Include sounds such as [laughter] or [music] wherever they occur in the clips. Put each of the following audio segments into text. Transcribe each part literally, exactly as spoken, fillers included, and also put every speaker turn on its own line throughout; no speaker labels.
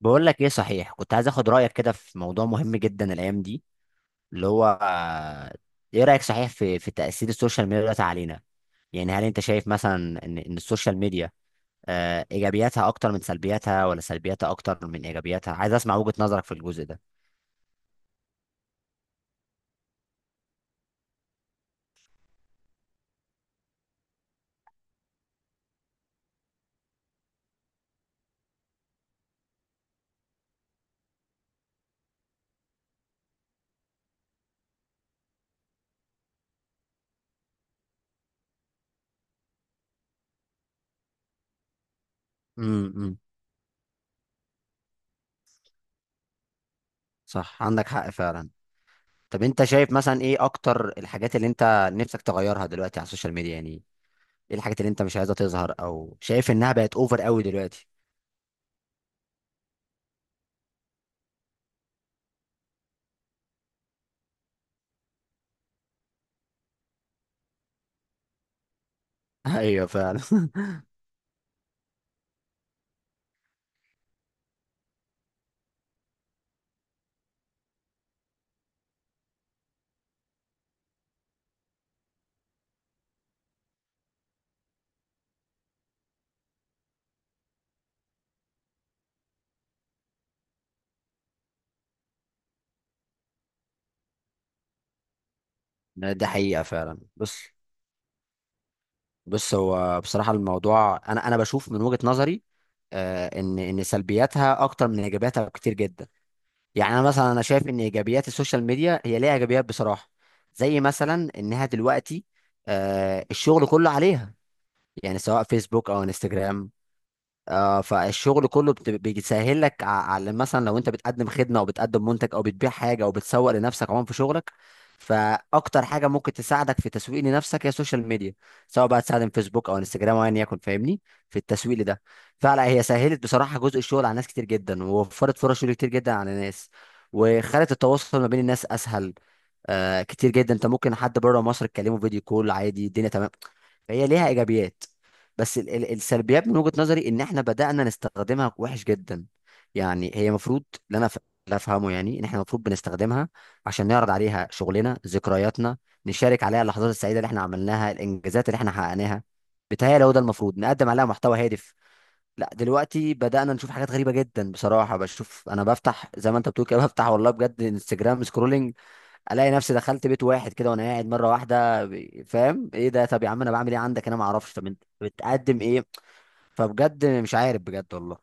بقول لك ايه صحيح، كنت عايز اخد رايك كده في موضوع مهم جدا الايام دي، اللي هو آه، ايه رايك صحيح في في تاثير السوشيال ميديا دلوقتي علينا؟ يعني هل انت شايف مثلا ان ان السوشيال ميديا آه، ايجابياتها اكتر من سلبياتها ولا سلبياتها اكتر من ايجابياتها؟ عايز اسمع وجهة نظرك في الجزء ده. امم صح، عندك حق فعلا. طب انت شايف مثلا ايه اكتر الحاجات اللي انت نفسك تغيرها دلوقتي على السوشيال ميديا؟ يعني ايه الحاجات اللي انت مش عايزها تظهر او شايف انها بقت اوفر قوي دلوقتي؟ [laughs] ايوه فعلا. ده حقيقة فعلا. بص، بص هو بصراحة الموضوع أنا أنا بشوف من وجهة نظري، آه، إن إن سلبياتها أكتر من إيجابياتها كتير جدا. يعني أنا مثلا أنا شايف إن إيجابيات السوشيال ميديا، هي ليها إيجابيات بصراحة، زي مثلا إنها دلوقتي آه، الشغل كله عليها. يعني سواء فيسبوك أو انستجرام. آه، فالشغل كله بت- بيسهل لك ع- على، مثلا لو انت بتقدم خدمه او بتقدم منتج او بتبيع حاجه او بتسوق لنفسك عموما في شغلك، فاكتر حاجه ممكن تساعدك في تسويق لنفسك هي السوشيال ميديا، سواء بقى تستخدم فيسبوك او انستجرام او ايا يكن، فاهمني؟ في التسويق ده فعلا هي سهلت بصراحه جزء الشغل على ناس كتير جدا، ووفرت فرص شغل كتير جدا على ناس، وخلت التواصل ما بين الناس اسهل آه كتير جدا. انت ممكن حد بره مصر تكلمه فيديو كول عادي، الدنيا تمام. فهي ليها ايجابيات. بس ال- ال- السلبيات من وجهة نظري ان احنا بدأنا نستخدمها وحش جدا. يعني هي المفروض، اللي انا ف- اللي افهمه يعني، ان احنا المفروض بنستخدمها عشان نعرض عليها شغلنا، ذكرياتنا، نشارك عليها اللحظات السعيدة اللي احنا عملناها، الانجازات اللي احنا حققناها. بتهيألي هو ده المفروض، نقدم عليها محتوى هادف. لا دلوقتي بدأنا نشوف حاجات غريبة جدا بصراحة. بشوف انا بفتح زي ما انت بتقول كده، [laughs] بفتح والله بجد انستجرام سكرولنج، الاقي نفسي دخلت بيت واحد كده وانا قاعد مره واحده ب- فاهم ايه ده؟ طب يا عم انا بعمل ايه عندك؟ انا ما اعرفش، طب انت بتقدم ايه؟ فبجد مش عارف بجد والله.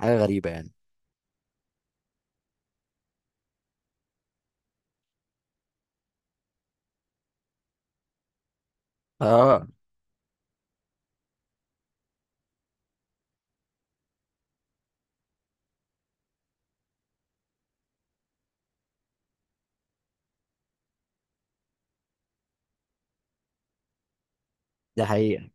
حاجه غريبه يعني. اه، ده حقيقه.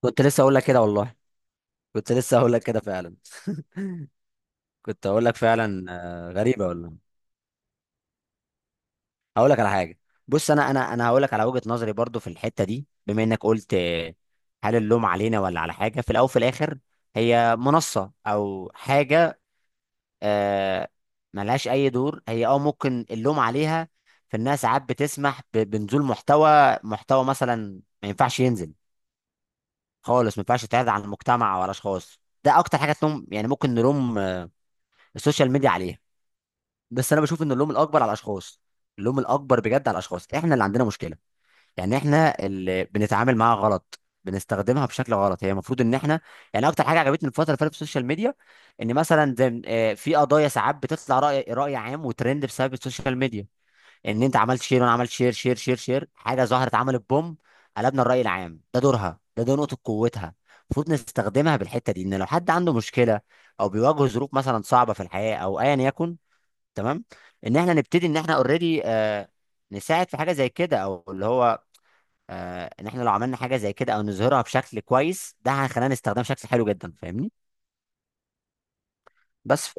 كنت لسه اقول لك كده والله، كنت لسه اقول لك كده فعلا. [laughs] كنت اقول لك فعلا. آه، غريبه والله. هقول لك على حاجه. بص، انا انا انا هقول لك على وجهه نظري برضو في الحته دي، بما انك قلت آه، هل اللوم علينا ولا على حاجه؟ في الاول وفي الاخر هي منصه او حاجه، آه، ملهاش اي دور. هي اه ممكن اللوم عليها في انها ساعات بتسمح ب- بنزول محتوى محتوى مثلا ما ينفعش ينزل خالص، ما ينفعش يتعرض على المجتمع وعلى اشخاص. ده اكتر حاجه تلوم، يعني ممكن نلوم آه، السوشيال ميديا عليها. بس انا بشوف ان اللوم الاكبر على الاشخاص. اللوم الاكبر بجد على الاشخاص. احنا اللي عندنا مشكله، يعني احنا اللي بنتعامل معاها غلط، بنستخدمها بشكل غلط. هي المفروض ان احنا يعني، اكتر حاجه عجبتني الفتره اللي فاتت في السوشيال ميديا ان مثلا زي آه، في قضايا ساعات بتطلع راي راي عام وترند بسبب السوشيال ميديا، ان انت عملت شير وانا عملت شير، شير شير شير حاجه ظهرت عملت بوم، قلبنا الراي العام. ده دورها، ده ده نقطه قوتها. المفروض نستخدمها بالحته دي، ان لو حد عنده مشكله او بيواجه ظروف مثلا صعبه في الحياه او ايا يكن، تمام، ان احنا نبتدي ان احنا اوريدي نساعد في حاجه زي كده. او اللي هو آه، ان احنا لو عملنا حاجه زي كده او نظهرها بشكل كويس، ده هيخلينا نستخدمها بشكل حلو جدا، فاهمني؟ بس ف-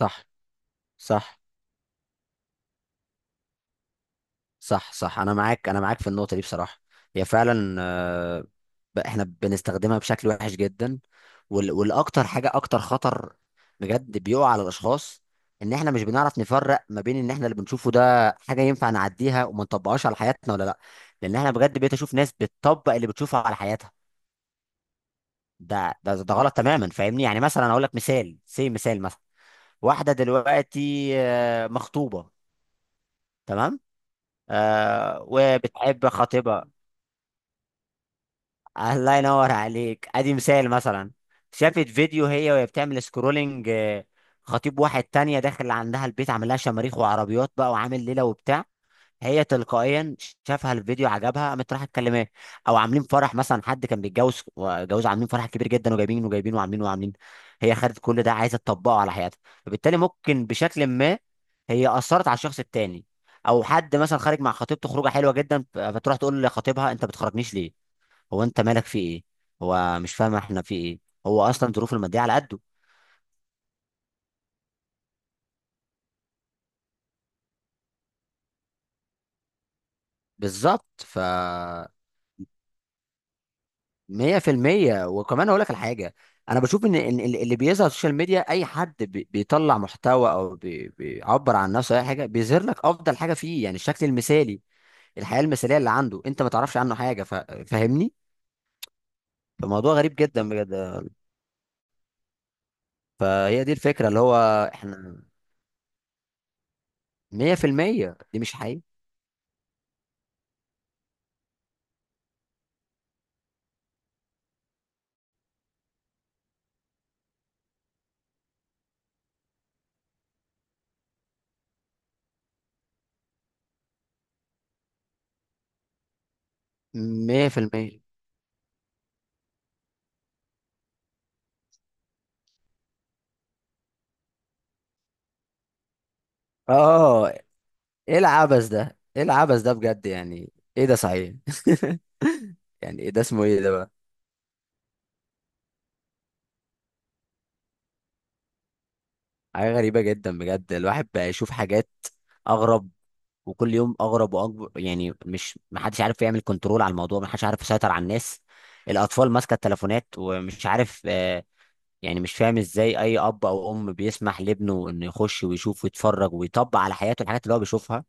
صح، صح. صح صح انا معاك، انا معاك في النقطه دي بصراحه. هي فعلا آه، ب- احنا بنستخدمها بشكل وحش جدا. وال- والاكتر حاجه اكتر خطر بجد بيقع على الاشخاص، ان احنا مش بنعرف نفرق ما بين ان احنا اللي بنشوفه ده حاجه ينفع نعديها وما نطبقهاش على حياتنا ولا لا. لان احنا بجد بقيت اشوف ناس بتطبق اللي بتشوفه على حياتها. ده ده ده غلط تماما، فاهمني؟ يعني مثلا اقول لك مثال، سي مثال مثلا واحده دلوقتي آه، مخطوبه، تمام، آه وبتحب خطيبها، الله ينور عليك ادي مثال، مثلا شافت فيديو هي وهي بتعمل سكرولنج آه، خطيب واحد تانية داخل عندها البيت عامل لها شماريخ وعربيات بقى وعامل ليلة وبتاع، هي تلقائيا شافها الفيديو عجبها قامت رايحه تكلماه. او عاملين فرح مثلا، حد كان بيتجوز جوز عاملين فرح كبير جدا، وجايبين وجايبين وعاملين وعاملين، هي خدت كل ده عايزه تطبقه على حياتها، فبالتالي ممكن بشكل ما هي اثرت على الشخص التاني. او حد مثلا خارج مع خطيبته خروجه حلوه جدا ف- فتروح تقول لخطيبها انت بتخرجنيش ليه؟ هو انت مالك في ايه؟ هو مش فاهم احنا في ايه، هو اصلا ظروفه الماديه على قده. بالظبط. ف مية في المية. وكمان أقول لك الحاجة، أنا بشوف إن إن ال- اللي بيظهر على السوشيال ميديا، أي حد بي- بيطلع محتوى أو بي- بيعبر عن نفسه، أي حاجة بيظهر لك أفضل حاجة فيه، يعني الشكل المثالي، الحياة المثالية اللي عنده، أنت ما تعرفش عنه حاجة. ف- فاهمني؟ فموضوع غريب جدا بجد. فهي دي الفكرة، اللي هو إحنا مية في المية دي مش حقيقة. مية في المية. آه، إيه العبث ده؟ إيه العبث ده بجد يعني؟ إيه ده صحيح؟ [laughs] يعني إيه ده؟ اسمه إيه ده بقى؟ حاجة غريبة جدا بجد. الواحد بقى يشوف حاجات أغرب، وكل يوم أغرب وأكبر. يعني مش، محدش عارف يعمل كنترول على الموضوع، محدش عارف يسيطر على الناس. الأطفال ماسكة التليفونات ومش عارف آه، يعني مش فاهم إزاي أي أب أو أم بيسمح لابنه إنه يخش ويشوف ويتفرج ويطبق على حياته الحاجات اللي هو بيشوفها.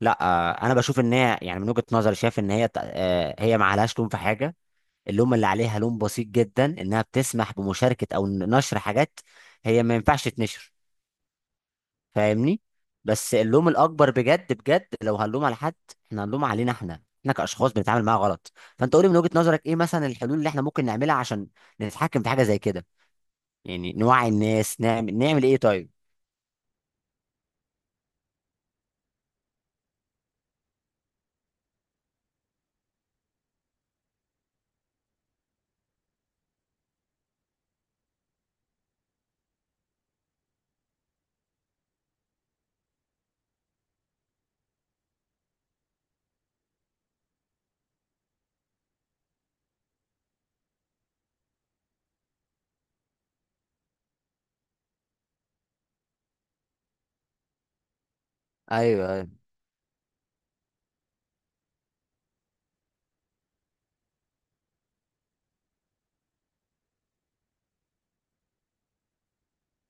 لا آه، أنا بشوف إن هي يعني من وجهة نظري شايف إن هي آه، هي ما عليهاش لوم في حاجة. اللوم اللي عليها لوم بسيط جدا، إنها بتسمح بمشاركة أو نشر حاجات هي ما ينفعش تنشر، فاهمني؟ بس اللوم الاكبر بجد بجد لو هنلوم على حد، احنا هنلوم علينا احنا، احنا كاشخاص بنتعامل معاها غلط. فانت قولي من وجهة نظرك ايه مثلا الحلول اللي احنا ممكن نعملها عشان نتحكم في حاجه زي كده؟ يعني نوعي الناس، نعمل، نعمل ايه طيب؟ ايوه، أيوة،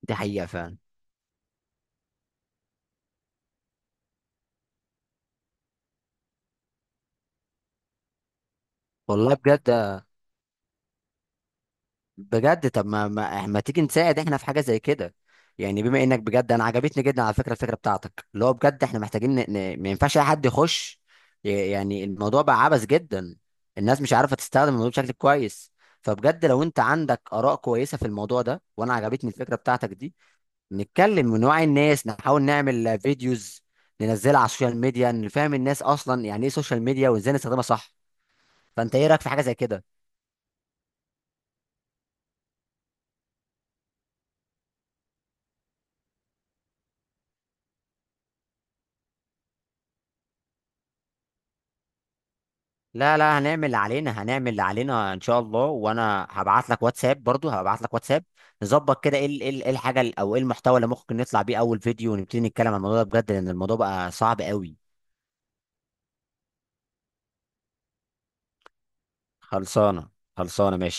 دي حقيقه فعلا. والله بجد، بجد طب ما ما, ما تيجي نساعد احنا في حاجه زي كده؟ يعني بما انك بجد انا عجبتني جدا على فكره الفكره بتاعتك، اللي هو بجد احنا محتاجين ن... ن... ما ينفعش اي حد يخش، ي- يعني الموضوع بقى عبث جدا، الناس مش عارفه تستخدم الموضوع بشكل كويس. فبجد لو انت عندك اراء كويسه في الموضوع ده، وانا عجبتني الفكره بتاعتك دي، نتكلم ونوعي الناس، نحاول نعمل فيديوز ننزلها على السوشيال ميديا، نفهم الناس اصلا يعني ايه سوشيال ميديا وازاي نستخدمها صح. فانت ايه رايك في حاجه زي كده؟ لا لا، هنعمل اللي علينا، هنعمل اللي علينا ان شاء الله. وانا هبعت لك واتساب، برضو هبعت لك واتساب، نظبط كده ايه ال- إيه ال- إيه الحاجه ال- او ايه المحتوى اللي ممكن نطلع بيه اول فيديو ونبتدي نتكلم عن الموضوع ده بجد، لان الموضوع بقى صعب قوي. خلصانه، خلصانه ماشي.